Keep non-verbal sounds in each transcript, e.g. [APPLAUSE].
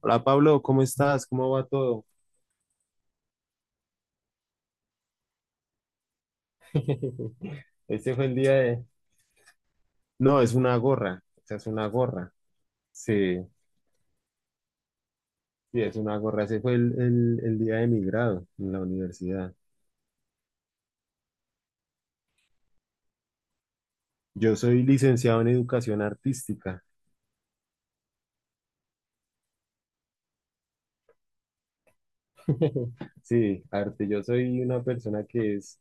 Hola Pablo, ¿cómo estás? ¿Cómo va todo? [LAUGHS] Este fue el día de... No, es una gorra, o sea, es una gorra. Sí, sí, es una gorra. Ese fue el día de mi grado en la universidad. Yo soy licenciado en educación artística. [LAUGHS] Sí, arte. Yo soy una persona que es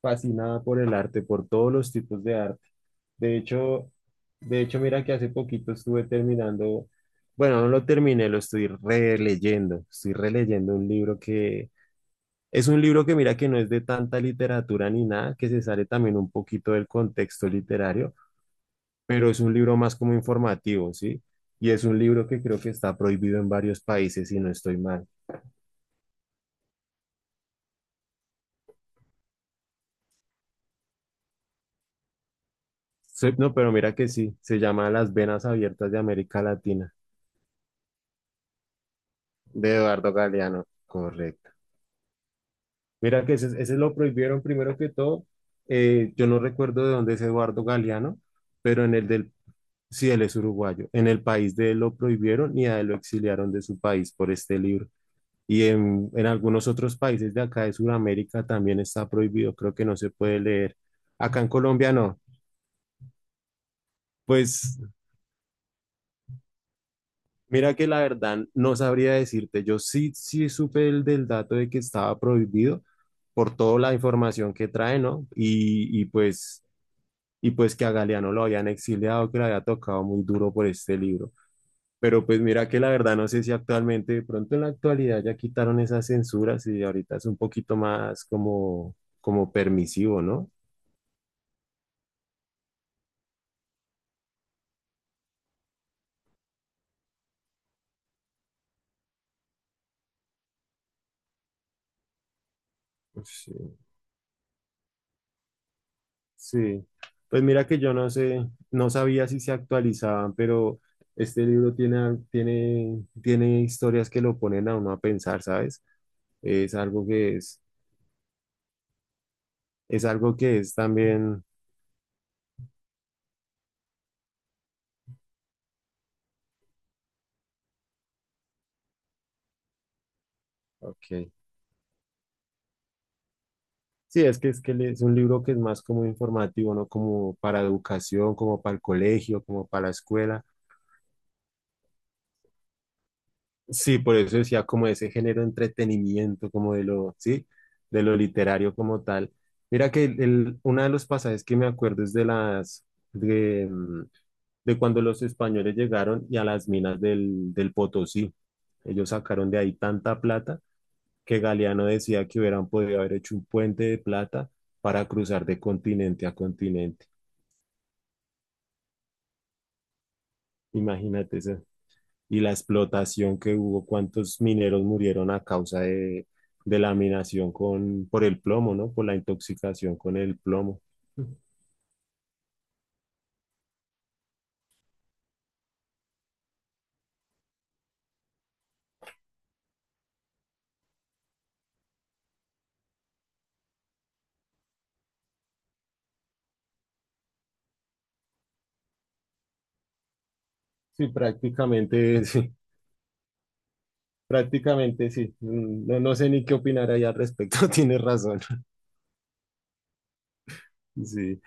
fascinada por el arte, por todos los tipos de arte. De hecho, de hecho, mira que hace poquito estuve terminando, bueno, no lo terminé, lo estoy releyendo. Estoy releyendo un libro. Es un libro que mira que no es de tanta literatura ni nada, que se sale también un poquito del contexto literario, pero es un libro más como informativo, ¿sí? Y es un libro que creo que está prohibido en varios países, si no estoy mal. No, pero mira que sí, se llama Las Venas Abiertas de América Latina, de Eduardo Galeano, correcto. Mira que ese lo prohibieron primero que todo. Yo no recuerdo de dónde es Eduardo Galeano, pero en el del... Sí, él es uruguayo. En el país de él lo prohibieron y a él lo exiliaron de su país por este libro. Y en algunos otros países de acá de Sudamérica también está prohibido, creo que no se puede leer. Acá en Colombia no. Pues mira que la verdad no sabría decirte, yo sí supe el del dato de que estaba prohibido por toda la información que trae, ¿no? Y pues, y pues que a Galeano lo habían exiliado, que le había tocado muy duro por este libro. Pero pues mira que la verdad no sé si actualmente, de pronto en la actualidad ya quitaron esas censuras y ahorita es un poquito más como, como permisivo, ¿no? Sí, sí. Pues mira que yo no sé, no sabía si se actualizaban, pero este libro tiene, tiene, tiene historias que lo ponen a uno a pensar, ¿sabes? Es algo que es algo que es también, ok. Sí, es que es un libro que es más como informativo, ¿no? Como para educación, como para el colegio, como para la escuela. Sí, por eso decía como ese género de entretenimiento, como de lo, sí, de lo literario como tal. Mira que uno de los pasajes que me acuerdo es de las, de, mm, de cuando los españoles llegaron y a las minas del Potosí. Ellos sacaron de ahí tanta plata que Galeano decía que hubieran podido haber hecho un puente de plata para cruzar de continente a continente. Imagínate eso. Y la explotación que hubo, cuántos mineros murieron a causa de la minación con, por el plomo, ¿no? Por la intoxicación con el plomo. Sí, prácticamente, [LAUGHS] sí, prácticamente sí. No, no sé ni qué opinar ahí al respecto, [LAUGHS] tienes razón. Sí.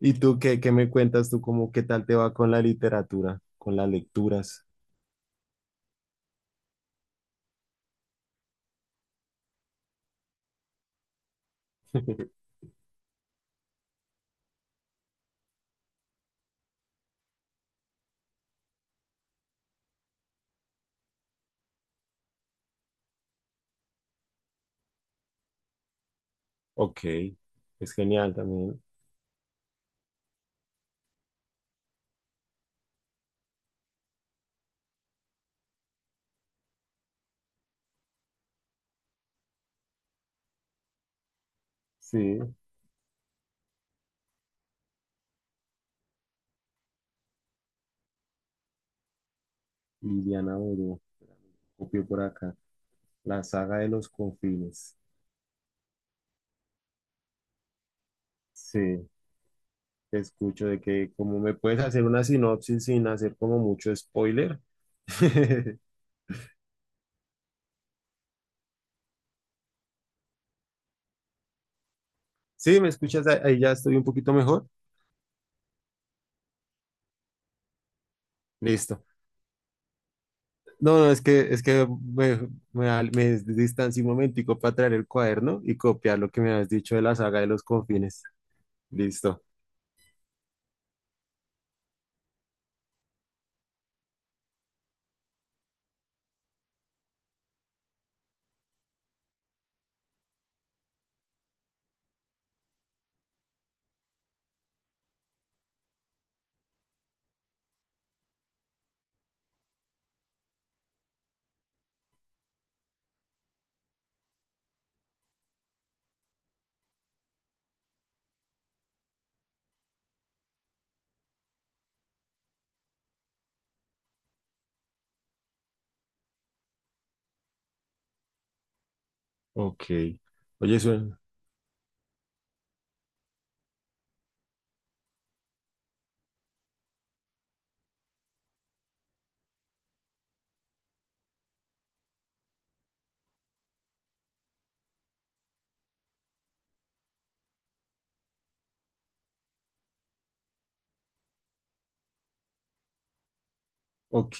¿Y tú qué, qué me cuentas tú cómo qué tal te va con la literatura, con las lecturas? [LAUGHS] Ok, es genial también. Sí, Liliana Oro, copio por acá. La saga de los confines. Sí, te escucho de que como me puedes hacer una sinopsis sin hacer como mucho spoiler. [LAUGHS] Sí, ¿me escuchas? Ahí ya estoy un poquito mejor. Listo. No, no, es que me distancié un momentico para traer el cuaderno y copiar lo que me has dicho de la saga de los confines. Listo. Ok. Oye, suena. Ok.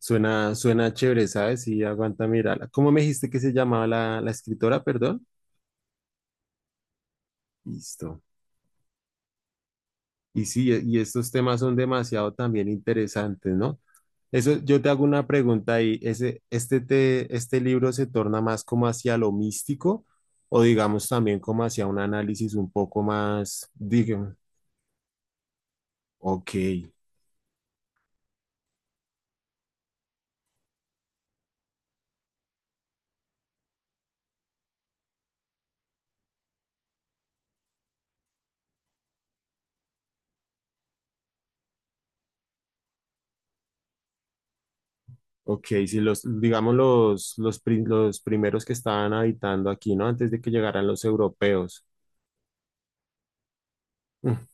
Suena, suena chévere, ¿sabes? Sí, aguanta mirarla. ¿Cómo me dijiste que se llamaba la escritora? Perdón. Listo. Y sí, y estos temas son demasiado también interesantes, ¿no? Eso, yo te hago una pregunta ahí, ¿este libro se torna más como hacia lo místico o digamos también como hacia un análisis un poco más, digamos, ok, ok, si los, digamos los primeros que estaban habitando aquí, ¿no? Antes de que llegaran los europeos. Mm,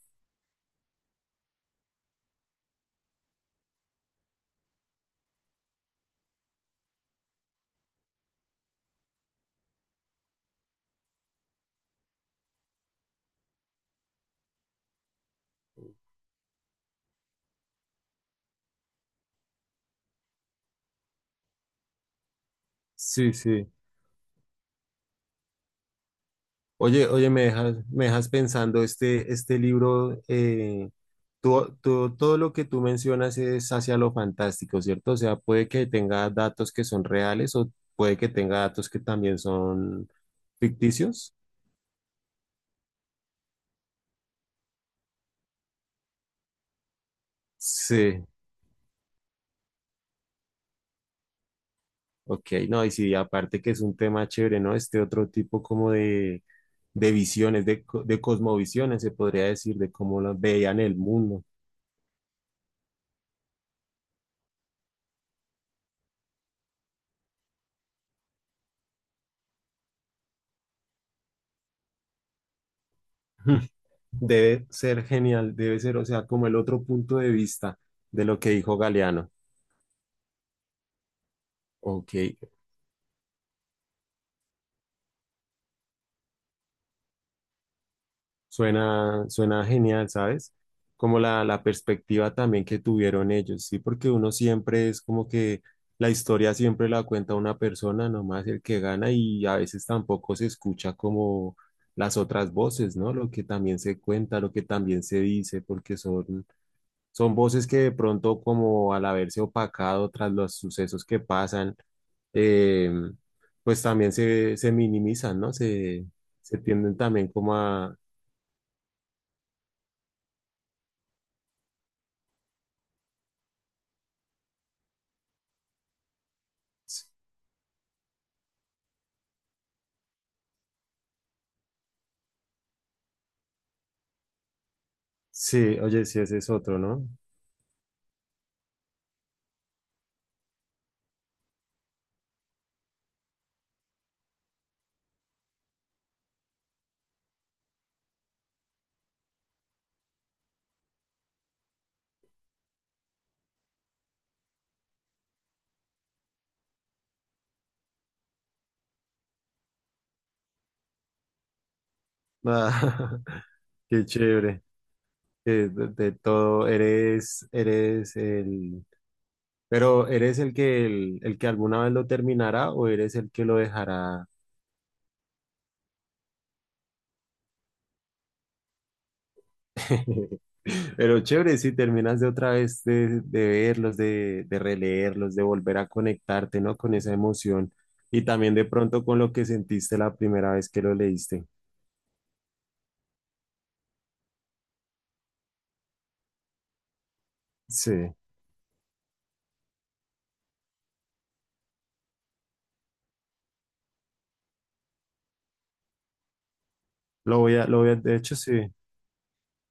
Sí, sí. Oye, oye, me dejas pensando este libro. Todo lo que tú mencionas es hacia lo fantástico, ¿cierto? O sea, puede que tenga datos que son reales o puede que tenga datos que también son ficticios. Sí, ok, no, y sí, aparte que es un tema chévere, ¿no? Este otro tipo como de visiones, de, de cosmovisiones, se podría decir, de cómo lo veían el mundo. [LAUGHS] Debe ser genial, debe ser, o sea, como el otro punto de vista de lo que dijo Galeano. Ok, suena, suena genial, ¿sabes? Como la perspectiva también que tuvieron ellos, ¿sí? Porque uno siempre es como que la historia siempre la cuenta una persona, nomás el que gana, y a veces tampoco se escucha como las otras voces, ¿no? Lo que también se cuenta, lo que también se dice, porque son, son voces que de pronto como al haberse opacado tras los sucesos que pasan, eh, pues también se minimizan, ¿no? Se tienden también como a... Sí, oye, sí, ese es otro, ¿no? Ah, [LAUGHS] qué chévere. Que de todo, eres, eres el, pero ¿eres el que alguna vez lo terminará o eres el que lo dejará? [LAUGHS] Pero chévere, si terminas de otra vez de verlos, de releerlos, de volver a conectarte, ¿no? Con esa emoción y también de pronto con lo que sentiste la primera vez que lo leíste. Sí, lo voy a, de hecho, sí.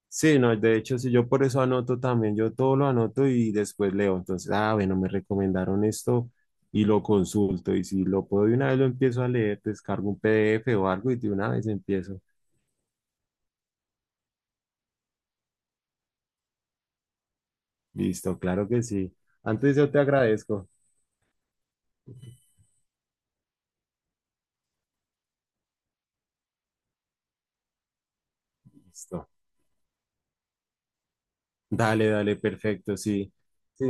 Sí, no, de hecho, sí, yo por eso anoto también, yo todo lo anoto y después leo. Entonces, ah, bueno, me recomendaron esto y lo consulto. Y si lo puedo de una vez lo empiezo a leer, descargo un PDF o algo y de una vez empiezo. Listo, claro que sí. Antes yo te agradezco. Listo. Dale, dale, perfecto, sí. Sí.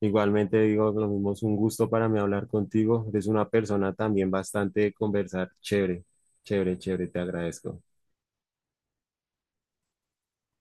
Igualmente digo lo mismo, es un gusto para mí hablar contigo. Eres una persona también bastante de conversar. Chévere, chévere, chévere, te agradezco.